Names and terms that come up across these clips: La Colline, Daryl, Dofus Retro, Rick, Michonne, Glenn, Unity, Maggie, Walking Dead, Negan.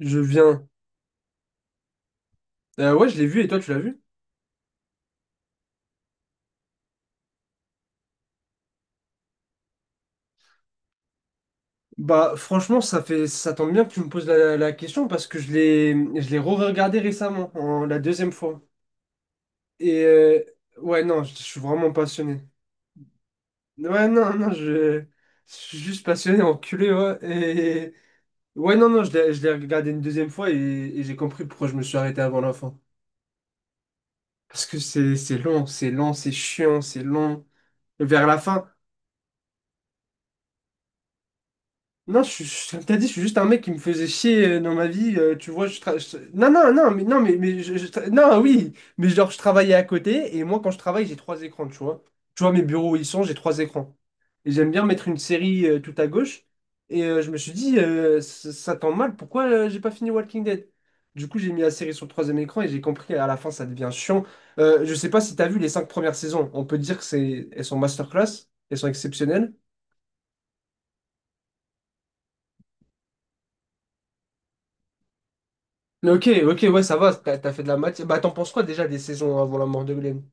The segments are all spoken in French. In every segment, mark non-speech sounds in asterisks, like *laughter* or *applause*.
Je viens. Ouais, je l'ai vu et toi, tu l'as vu? Bah, franchement, ça tombe bien que tu me poses la question parce que je l'ai re-regardé récemment, la deuxième fois. Et ouais, non, je suis vraiment passionné. Ouais, non, non, je suis juste passionné, enculé, ouais. Et ouais, non, non, je l'ai regardé une deuxième fois et j'ai compris pourquoi je me suis arrêté avant la fin. Parce que c'est long, c'est lent, c'est chiant, c'est long. Vers la fin. Non, comme t'as dit, je suis juste un mec qui me faisait chier dans ma vie. Tu vois, non, non, non, mais non, mais non, oui, mais genre je travaillais à côté et moi quand je travaille, j'ai trois écrans, tu vois. Tu vois mes bureaux où ils sont, j'ai trois écrans et j'aime bien mettre une série tout à gauche. Et je me suis dit, ça tombe mal. Pourquoi j'ai pas fini Walking Dead? Du coup, j'ai mis la série sur le troisième écran et j'ai compris à la fin, ça devient chiant. Je sais pas si t'as vu les cinq premières saisons. On peut dire que elles sont masterclass, elles sont exceptionnelles. Mais ok, ok, ouais, ça va, t'as fait de la matière. Bah, t'en penses quoi déjà des saisons avant la mort de Glenn?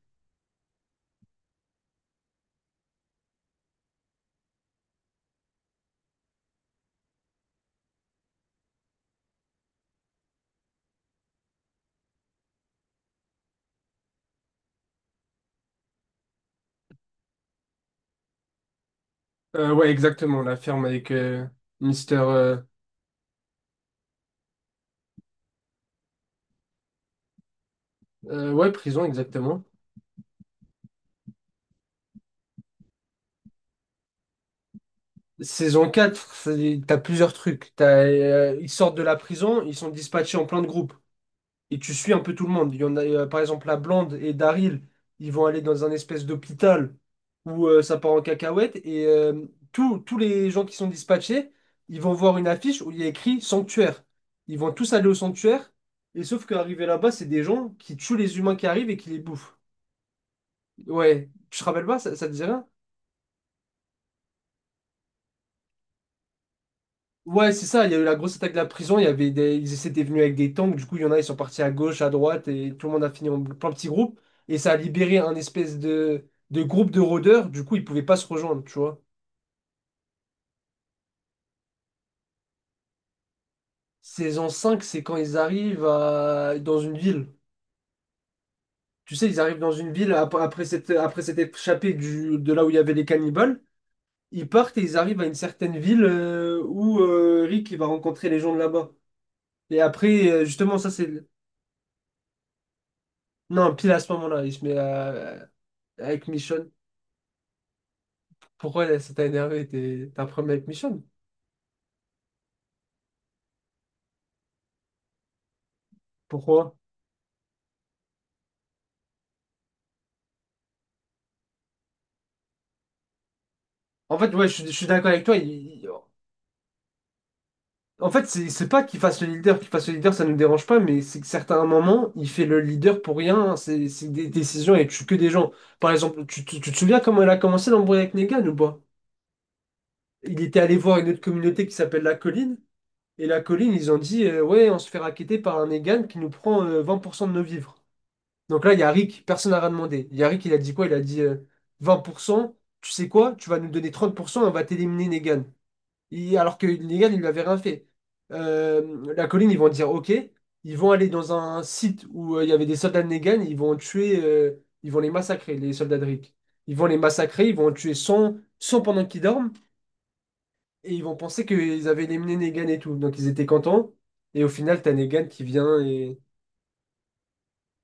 Ouais, exactement, la ferme avec Mister, ouais, prison, exactement. Saison quatre, t'as plusieurs trucs. Ils sortent de la prison, ils sont dispatchés en plein de groupes. Et tu suis un peu tout le monde. Il y en a, par exemple, la Blonde et Daryl, ils vont aller dans un espèce d'hôpital où ça part en cacahuète et tous les gens qui sont dispatchés, ils vont voir une affiche où il y a écrit sanctuaire. Ils vont tous aller au sanctuaire et sauf qu'arrivé là-bas, c'est des gens qui tuent les humains qui arrivent et qui les bouffent. Ouais, tu te rappelles pas, ça te dirait. Ouais, c'est ça, il y a eu la grosse attaque de la prison, il y avait des... ils étaient venus avec des tanks, du coup, il y en a, ils sont partis à gauche, à droite, et tout le monde a fini en plein petit groupe, et ça a libéré un espèce de groupe de rôdeurs, du coup, ils pouvaient pas se rejoindre, tu vois. Saison 5 c'est quand ils arrivent dans une ville. Tu sais, ils arrivent dans une ville après s'être échappés de là où il y avait les cannibales, ils partent et ils arrivent à une certaine ville où Rick il va rencontrer les gens de là-bas. Et après, justement. Non, pile à ce moment-là, il se met avec Michonne. Pourquoi là, ça t'a énervé? T'as un problème avec Michonne? Pourquoi? En fait, ouais, je suis d'accord avec toi. Il- En fait, c'est pas qu'il fasse le leader, qu'il fasse le leader, ça nous dérange pas, mais c'est que certains moments, il fait le leader pour rien, hein. C'est des décisions et tue que des gens. Par exemple, tu te souviens comment elle a commencé l'embrouille avec Negan ou pas? Il était allé voir une autre communauté qui s'appelle La Colline, et La Colline, ils ont dit ouais, on se fait racketter par un Negan qui nous prend 20% de nos vivres. Donc là, il y a Rick. Personne n'a rien demandé. Il y a Rick, il a dit quoi? Il a dit 20%, tu sais quoi? Tu vas nous donner 30% et on va t'éliminer Negan. Alors que Negan, il lui avait rien fait. La colline, ils vont dire OK. Ils vont aller dans un site où il y avait des soldats de Negan. Ils vont les massacrer, les soldats de Rick. Ils vont les massacrer, ils vont en tuer cent pendant qu'ils dorment. Et ils vont penser qu'ils avaient éliminé Negan et tout. Donc ils étaient contents. Et au final, t'as Negan qui vient et.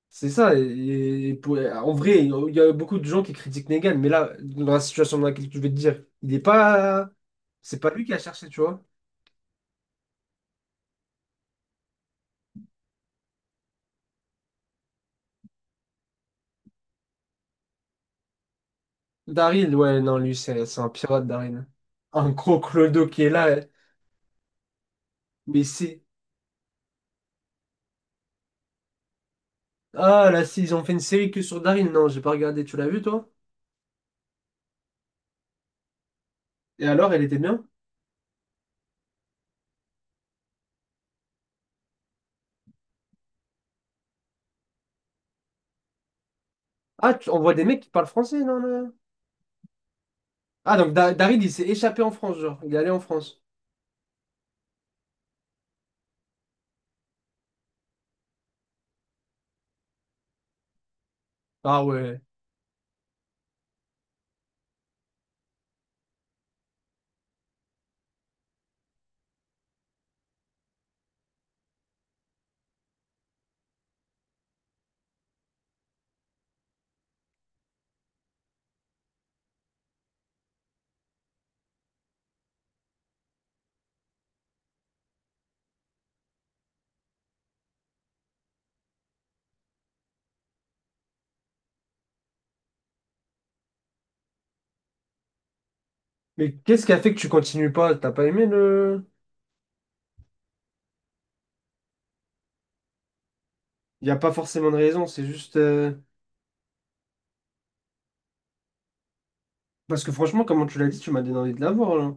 C'est ça, et en vrai, il y a beaucoup de gens qui critiquent Negan, mais là, dans la situation dans laquelle je vais te dire, il n'est pas. C'est pas lui qui a cherché, tu vois. Daryl, ouais, non, lui, c'est un pirate, Daryl. Un gros clodo qui est là, mais c'est. Ah, là, si, ils ont fait une série que sur Daryl, non, j'ai pas regardé, tu l'as vu, toi? Et alors, elle était bien? Ah, on voit des mecs qui parlent français, non, non. Ah, donc Daryl, il s'est échappé en France, genre, il est allé en France. Ah ouais. Mais qu'est-ce qui a fait que tu continues pas? T'as pas aimé le. Il n'y a pas forcément de raison, c'est juste. Parce que franchement, comment tu l'as dit, tu m'as donné envie de la voir, là.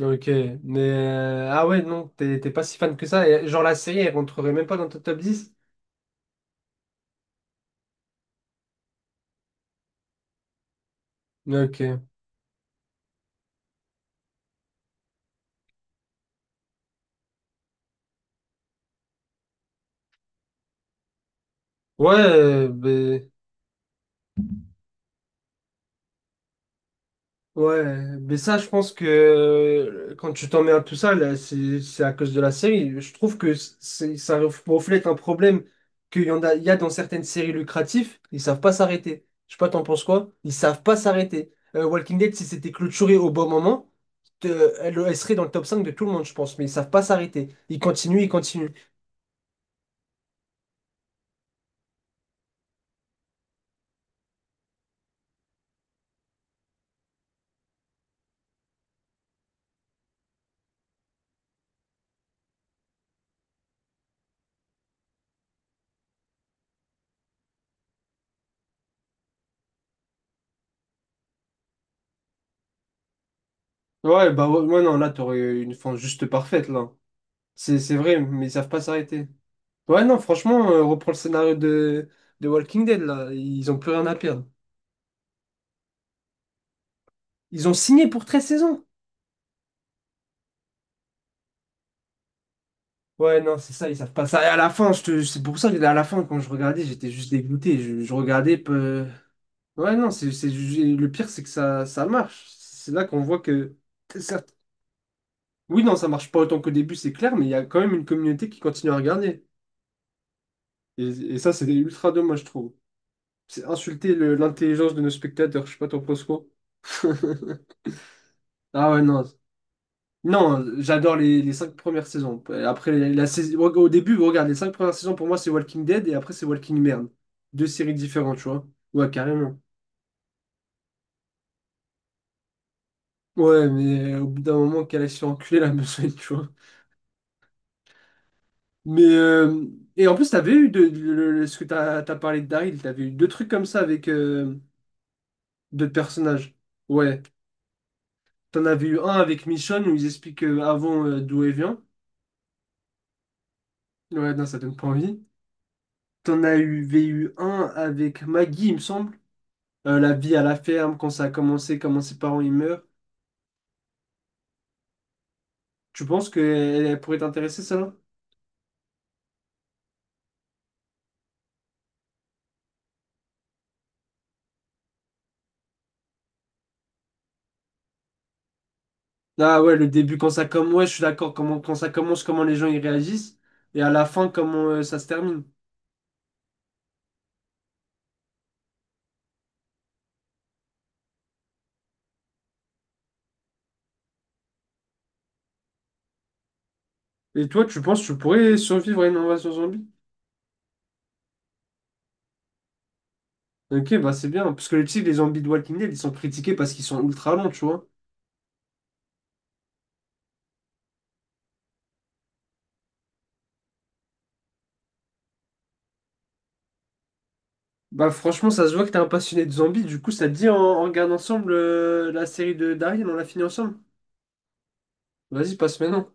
Ok, ah ouais, non, t'es pas si fan que ça. Et genre, la série, elle rentrerait même pas dans ton top 10. Ok. Ouais, ben. Ouais, mais ça, je pense que quand tu t'en mets à tout ça, là, c'est à cause de la série. Je trouve que ça reflète un problème qu'il y en a, il y a dans certaines séries lucratives, ils savent pas s'arrêter. Je sais pas, t'en penses quoi? Ils savent pas s'arrêter. Walking Dead, si c'était clôturé au bon moment, elle, elle serait dans le top 5 de tout le monde, je pense, mais ils savent pas s'arrêter. Ils continuent, ils continuent. Ouais, bah ouais, ouais, non, là, t'aurais une fin juste parfaite, là. C'est vrai, mais ils savent pas s'arrêter. Ouais, non, franchement, on reprend le scénario de Walking Dead, là. Ils ont plus rien à perdre. Ils ont signé pour 13 saisons. Ouais, non, c'est ça, ils savent pas ça. Et à la fin, c'est pour ça que à la fin, quand je regardais, j'étais juste dégoûté. Je regardais. Ouais, non, le pire, c'est que ça marche. C'est là qu'on voit que. certes- Oui, non, ça marche pas autant qu'au début, c'est clair, mais il y a quand même une communauté qui continue à regarder. Et, et ça, c'est ultra dommage, je trouve. C'est insulter l'intelligence de nos spectateurs, je sais pas, t'en penses quoi? *laughs* Ah ouais, non. Non, j'adore les cinq premières saisons. Après, la saison, au début, regarde, les cinq premières saisons pour moi c'est Walking Dead et après c'est Walking Merde. Deux séries différentes, tu vois. Ouais, carrément. Ouais, mais au bout d'un moment qu'elle a se fait enculer la *laughs* besogne, tu vois. Mais et en plus, t'avais eu de, le- ce que t'as parlé de Daryl, t'avais eu deux trucs comme ça avec d'autres personnages. Ouais, t'en avais eu un avec Michonne où ils expliquent avant d'où elle vient. Ouais, non, ça donne pas envie. T'en avais eu un avec Maggie, il me semble. La vie à la ferme, quand ça a commencé, comment ses parents ils meurent. Tu penses que elle, pourrait t'intéresser, ça? Ah ouais, le début, quand ça commence, ouais, je suis d'accord, comment, quand ça commence, comment les gens ils réagissent, et à la fin, comment ça se termine. Et toi, tu penses que tu pourrais survivre à une invasion zombie? Ok, bah c'est bien, parce que tu sais, les zombies de Walking Dead, ils sont critiqués parce qu'ils sont ultra longs, tu vois. Bah franchement, ça se voit que t'es un passionné de zombies, du coup, ça te dit, on regarde ensemble la série de Daryl, on la finit ensemble. Vas-y, passe maintenant.